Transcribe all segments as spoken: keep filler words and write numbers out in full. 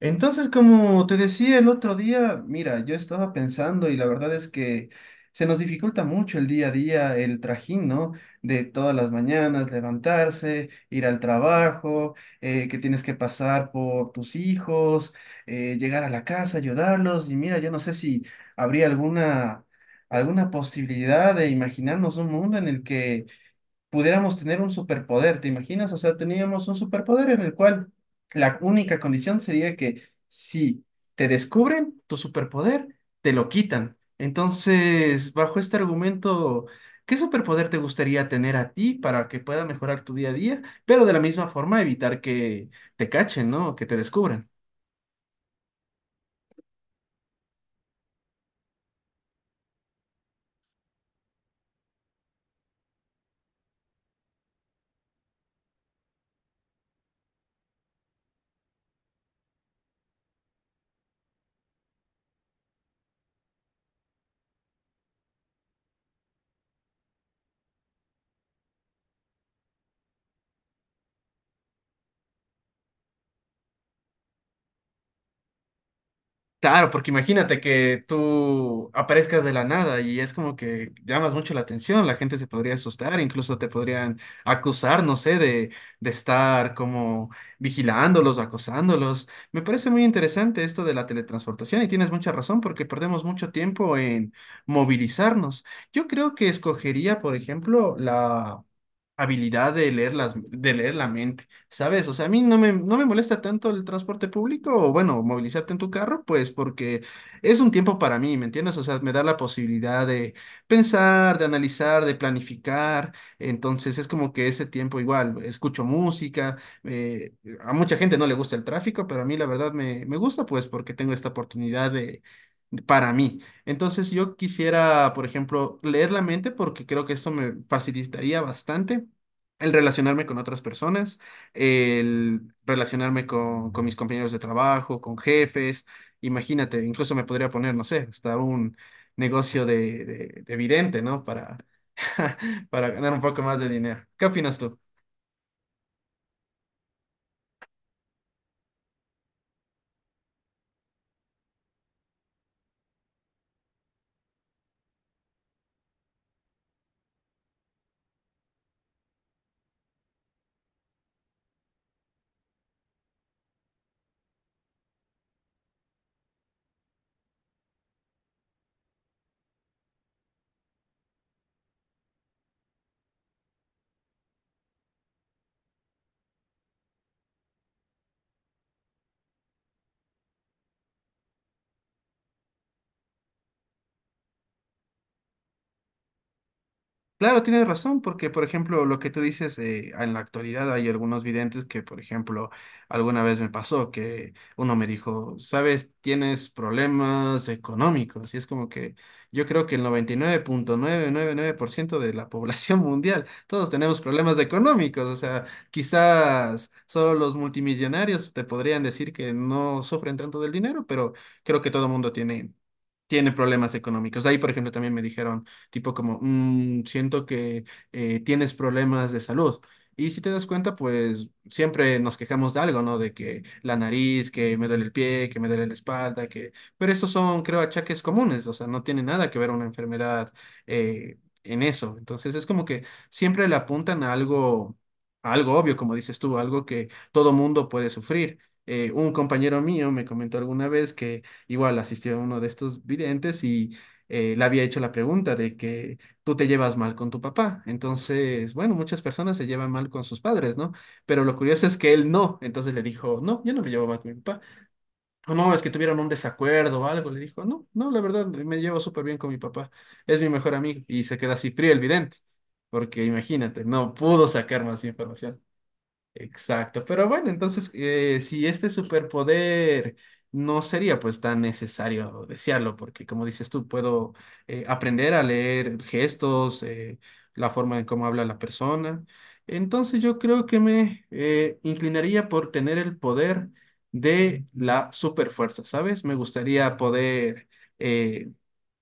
Entonces, como te decía el otro día, mira, yo estaba pensando y la verdad es que se nos dificulta mucho el día a día, el trajín, ¿no? De todas las mañanas, levantarse, ir al trabajo, eh, que tienes que pasar por tus hijos, eh, llegar a la casa, ayudarlos. Y mira, yo no sé si habría alguna, alguna posibilidad de imaginarnos un mundo en el que pudiéramos tener un superpoder, ¿te imaginas? O sea, teníamos un superpoder en el cual la única condición sería que si te descubren tu superpoder, te lo quitan. Entonces, bajo este argumento, ¿qué superpoder te gustaría tener a ti para que pueda mejorar tu día a día, pero de la misma forma evitar que te cachen? ¿No? Que te descubran. Claro, porque imagínate que tú aparezcas de la nada y es como que llamas mucho la atención, la gente se podría asustar, incluso te podrían acusar, no sé, de, de estar como vigilándolos, acosándolos. Me parece muy interesante esto de la teletransportación y tienes mucha razón porque perdemos mucho tiempo en movilizarnos. Yo creo que escogería, por ejemplo, la habilidad de leer las, de leer la mente, ¿sabes? O sea, a mí no me, no me molesta tanto el transporte público o, bueno, movilizarte en tu carro, pues porque es un tiempo para mí, ¿me entiendes? O sea, me da la posibilidad de pensar, de analizar, de planificar. Entonces es como que ese tiempo igual, escucho música, eh, a mucha gente no le gusta el tráfico, pero a mí la verdad me, me gusta, pues porque tengo esta oportunidad de, para mí. Entonces yo quisiera, por ejemplo, leer la mente porque creo que esto me facilitaría bastante el relacionarme con otras personas, el relacionarme con, con mis compañeros de trabajo, con jefes. Imagínate, incluso me podría poner, no sé, hasta un negocio de, de, de vidente, ¿no? Para, para ganar un poco más de dinero. ¿Qué opinas tú? Claro, tienes razón, porque por ejemplo, lo que tú dices, eh, en la actualidad hay algunos videntes que, por ejemplo, alguna vez me pasó que uno me dijo, sabes, tienes problemas económicos, y es como que yo creo que el noventa y nueve coma novecientos noventa y nueve por ciento de la población mundial, todos tenemos problemas económicos. O sea, quizás solo los multimillonarios te podrían decir que no sufren tanto del dinero, pero creo que todo el mundo tiene tiene problemas económicos. Ahí, por ejemplo, también me dijeron, tipo como: "Mm, siento que eh, tienes problemas de salud." Y si te das cuenta, pues siempre nos quejamos de algo, ¿no? De que la nariz, que me duele el pie, que me duele la espalda, que... Pero esos son, creo, achaques comunes. O sea, no tiene nada que ver una enfermedad eh, en eso. Entonces es como que siempre le apuntan a algo, a algo obvio, como dices tú, algo que todo mundo puede sufrir. Eh, un compañero mío me comentó alguna vez que igual asistió a uno de estos videntes y eh, le había hecho la pregunta de que tú te llevas mal con tu papá. Entonces, bueno, muchas personas se llevan mal con sus padres, ¿no? Pero lo curioso es que él no. Entonces le dijo: "No, yo no me llevo mal con mi papá." O: "No, es que tuvieron un desacuerdo o algo." Le dijo: "No, no, la verdad, me llevo súper bien con mi papá. Es mi mejor amigo." Y se queda así frío el vidente, porque imagínate, no pudo sacar más información. Exacto, pero bueno, entonces, eh, si este superpoder no sería pues tan necesario desearlo, porque como dices tú, puedo eh, aprender a leer gestos, eh, la forma en cómo habla la persona. Entonces yo creo que me eh, inclinaría por tener el poder de la superfuerza, ¿sabes? Me gustaría poder eh,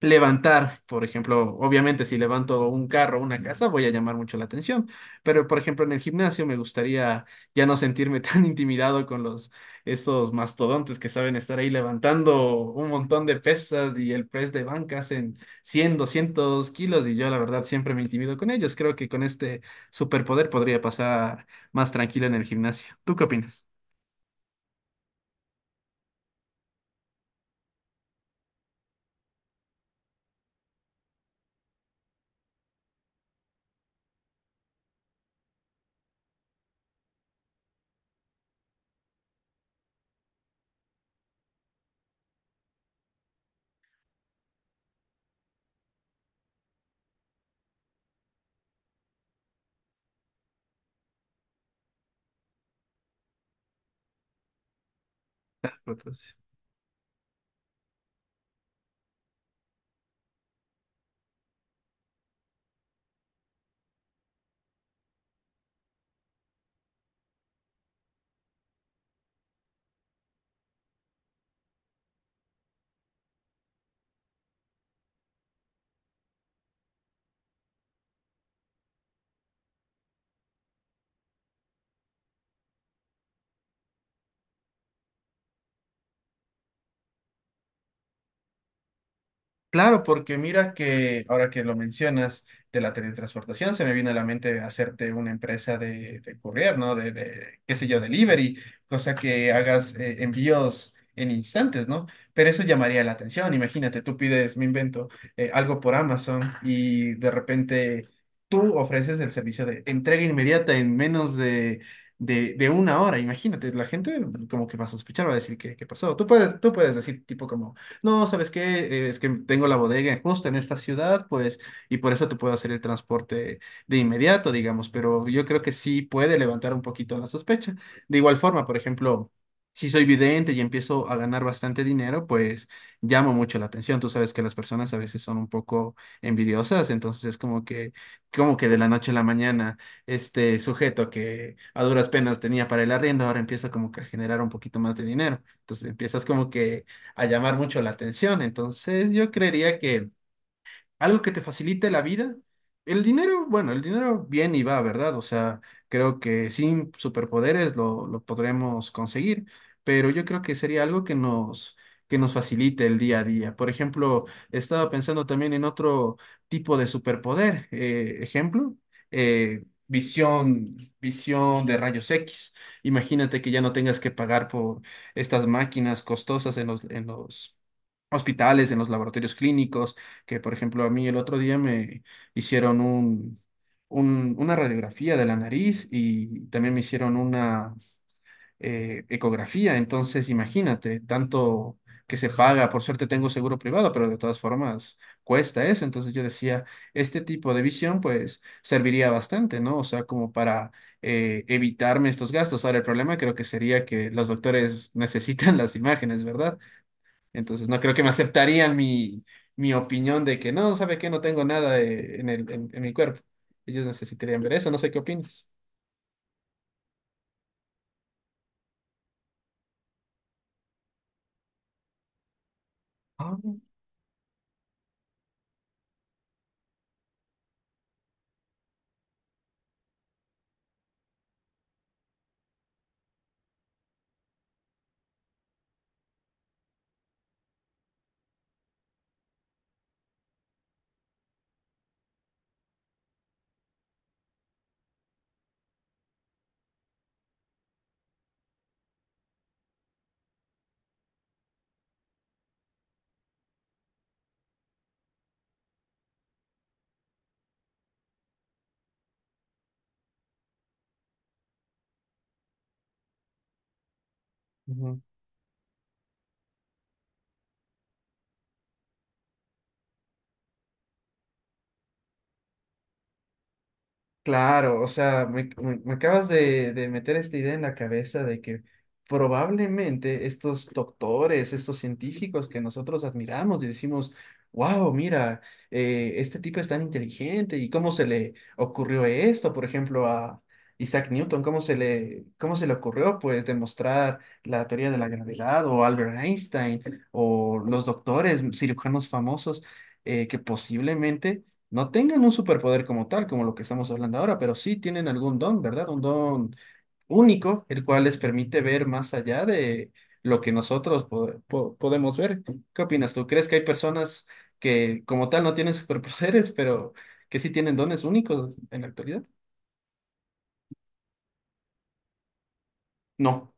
levantar, por ejemplo. Obviamente si levanto un carro o una casa, voy a llamar mucho la atención, pero por ejemplo en el gimnasio me gustaría ya no sentirme tan intimidado con los esos mastodontes que saben estar ahí levantando un montón de pesas y el press de banca hacen cien, doscientos kilos y yo la verdad siempre me intimido con ellos. Creo que con este superpoder podría pasar más tranquilo en el gimnasio. ¿Tú qué opinas? Claro, porque mira que ahora que lo mencionas de la teletransportación, se me viene a la mente hacerte una empresa de, de courier, ¿no? De, de, qué sé yo, delivery, cosa que hagas eh, envíos en instantes, ¿no? Pero eso llamaría la atención. Imagínate, tú pides, me invento, eh, algo por Amazon y de repente tú ofreces el servicio de entrega inmediata en menos de, de, de una hora. Imagínate, la gente como que va a sospechar, va a decir: ¿qué, qué pasó?" Tú puedes, tú puedes decir tipo como... "No, ¿sabes qué? Eh, es que tengo la bodega justo en esta ciudad, pues, y por eso te puedo hacer el transporte de inmediato, digamos." Pero yo creo que sí puede levantar un poquito la sospecha. De igual forma, por ejemplo, si soy vidente y empiezo a ganar bastante dinero, pues llamo mucho la atención. Tú sabes que las personas a veces son un poco envidiosas, entonces es como que, como que de la noche a la mañana, este sujeto que a duras penas tenía para el arriendo, ahora empieza como que a generar un poquito más de dinero. Entonces empiezas como que a llamar mucho la atención. Entonces yo creería que algo que te facilite la vida. El dinero, bueno, el dinero viene y va, ¿verdad? O sea, creo que sin superpoderes lo, lo podremos conseguir, pero yo creo que sería algo que nos, que nos facilite el día a día. Por ejemplo, estaba pensando también en otro tipo de superpoder. eh, ejemplo, eh, visión, visión de rayos X. Imagínate que ya no tengas que pagar por estas máquinas costosas en los, en los hospitales, en los laboratorios clínicos. Que por ejemplo a mí el otro día me hicieron un, un- una radiografía de la nariz y también me hicieron una eh, ecografía. Entonces imagínate, tanto que se paga. Por suerte tengo seguro privado, pero de todas formas cuesta eso. Entonces yo decía, este tipo de visión pues serviría bastante, ¿no? O sea, como para... eh, evitarme estos gastos. Ahora, el problema creo que sería que los doctores necesitan las imágenes, ¿verdad? Entonces no creo que me aceptarían mi, mi opinión de que no. ¿Sabe qué? No tengo nada de- en el, en, en mi cuerpo. Ellos necesitarían ver eso, no sé qué opinas. Ah. Ujú. Claro, o sea, me, me- me acabas de, de meter esta idea en la cabeza de que probablemente estos doctores, estos científicos que nosotros admiramos y decimos: "Wow, mira, eh, este tipo es tan inteligente. Y cómo se le ocurrió esto, por ejemplo, a Isaac Newton, cómo se le, cómo se le ocurrió, pues, demostrar la teoría de la gravedad, o Albert Einstein o los doctores, cirujanos famosos, eh, que posiblemente no tengan un superpoder como tal, como lo que estamos hablando ahora, pero sí tienen algún don, ¿verdad? Un don único, el cual les permite ver más allá de lo que nosotros po- po- podemos ver." ¿Qué opinas tú? ¿Crees que hay personas que como tal no tienen superpoderes, pero que sí tienen dones únicos en la actualidad? No.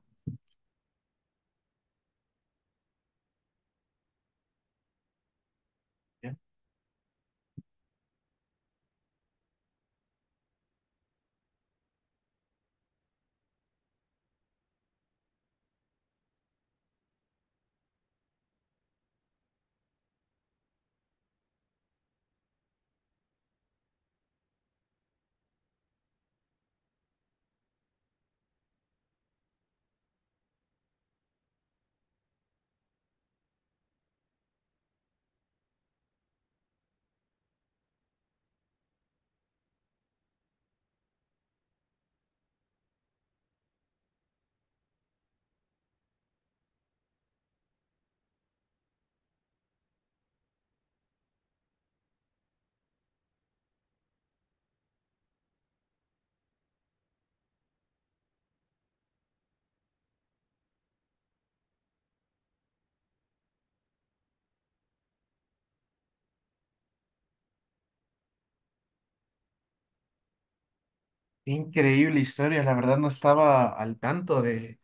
Qué increíble historia, la verdad no estaba al tanto de,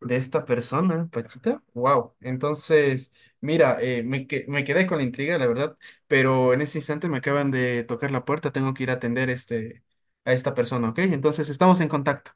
de esta persona, Pachita. Wow, entonces, mira, eh, me, que- me quedé con la intriga, la verdad, pero en este instante me acaban de tocar la puerta, tengo que ir a atender este, a esta persona, ¿ok? Entonces estamos en contacto.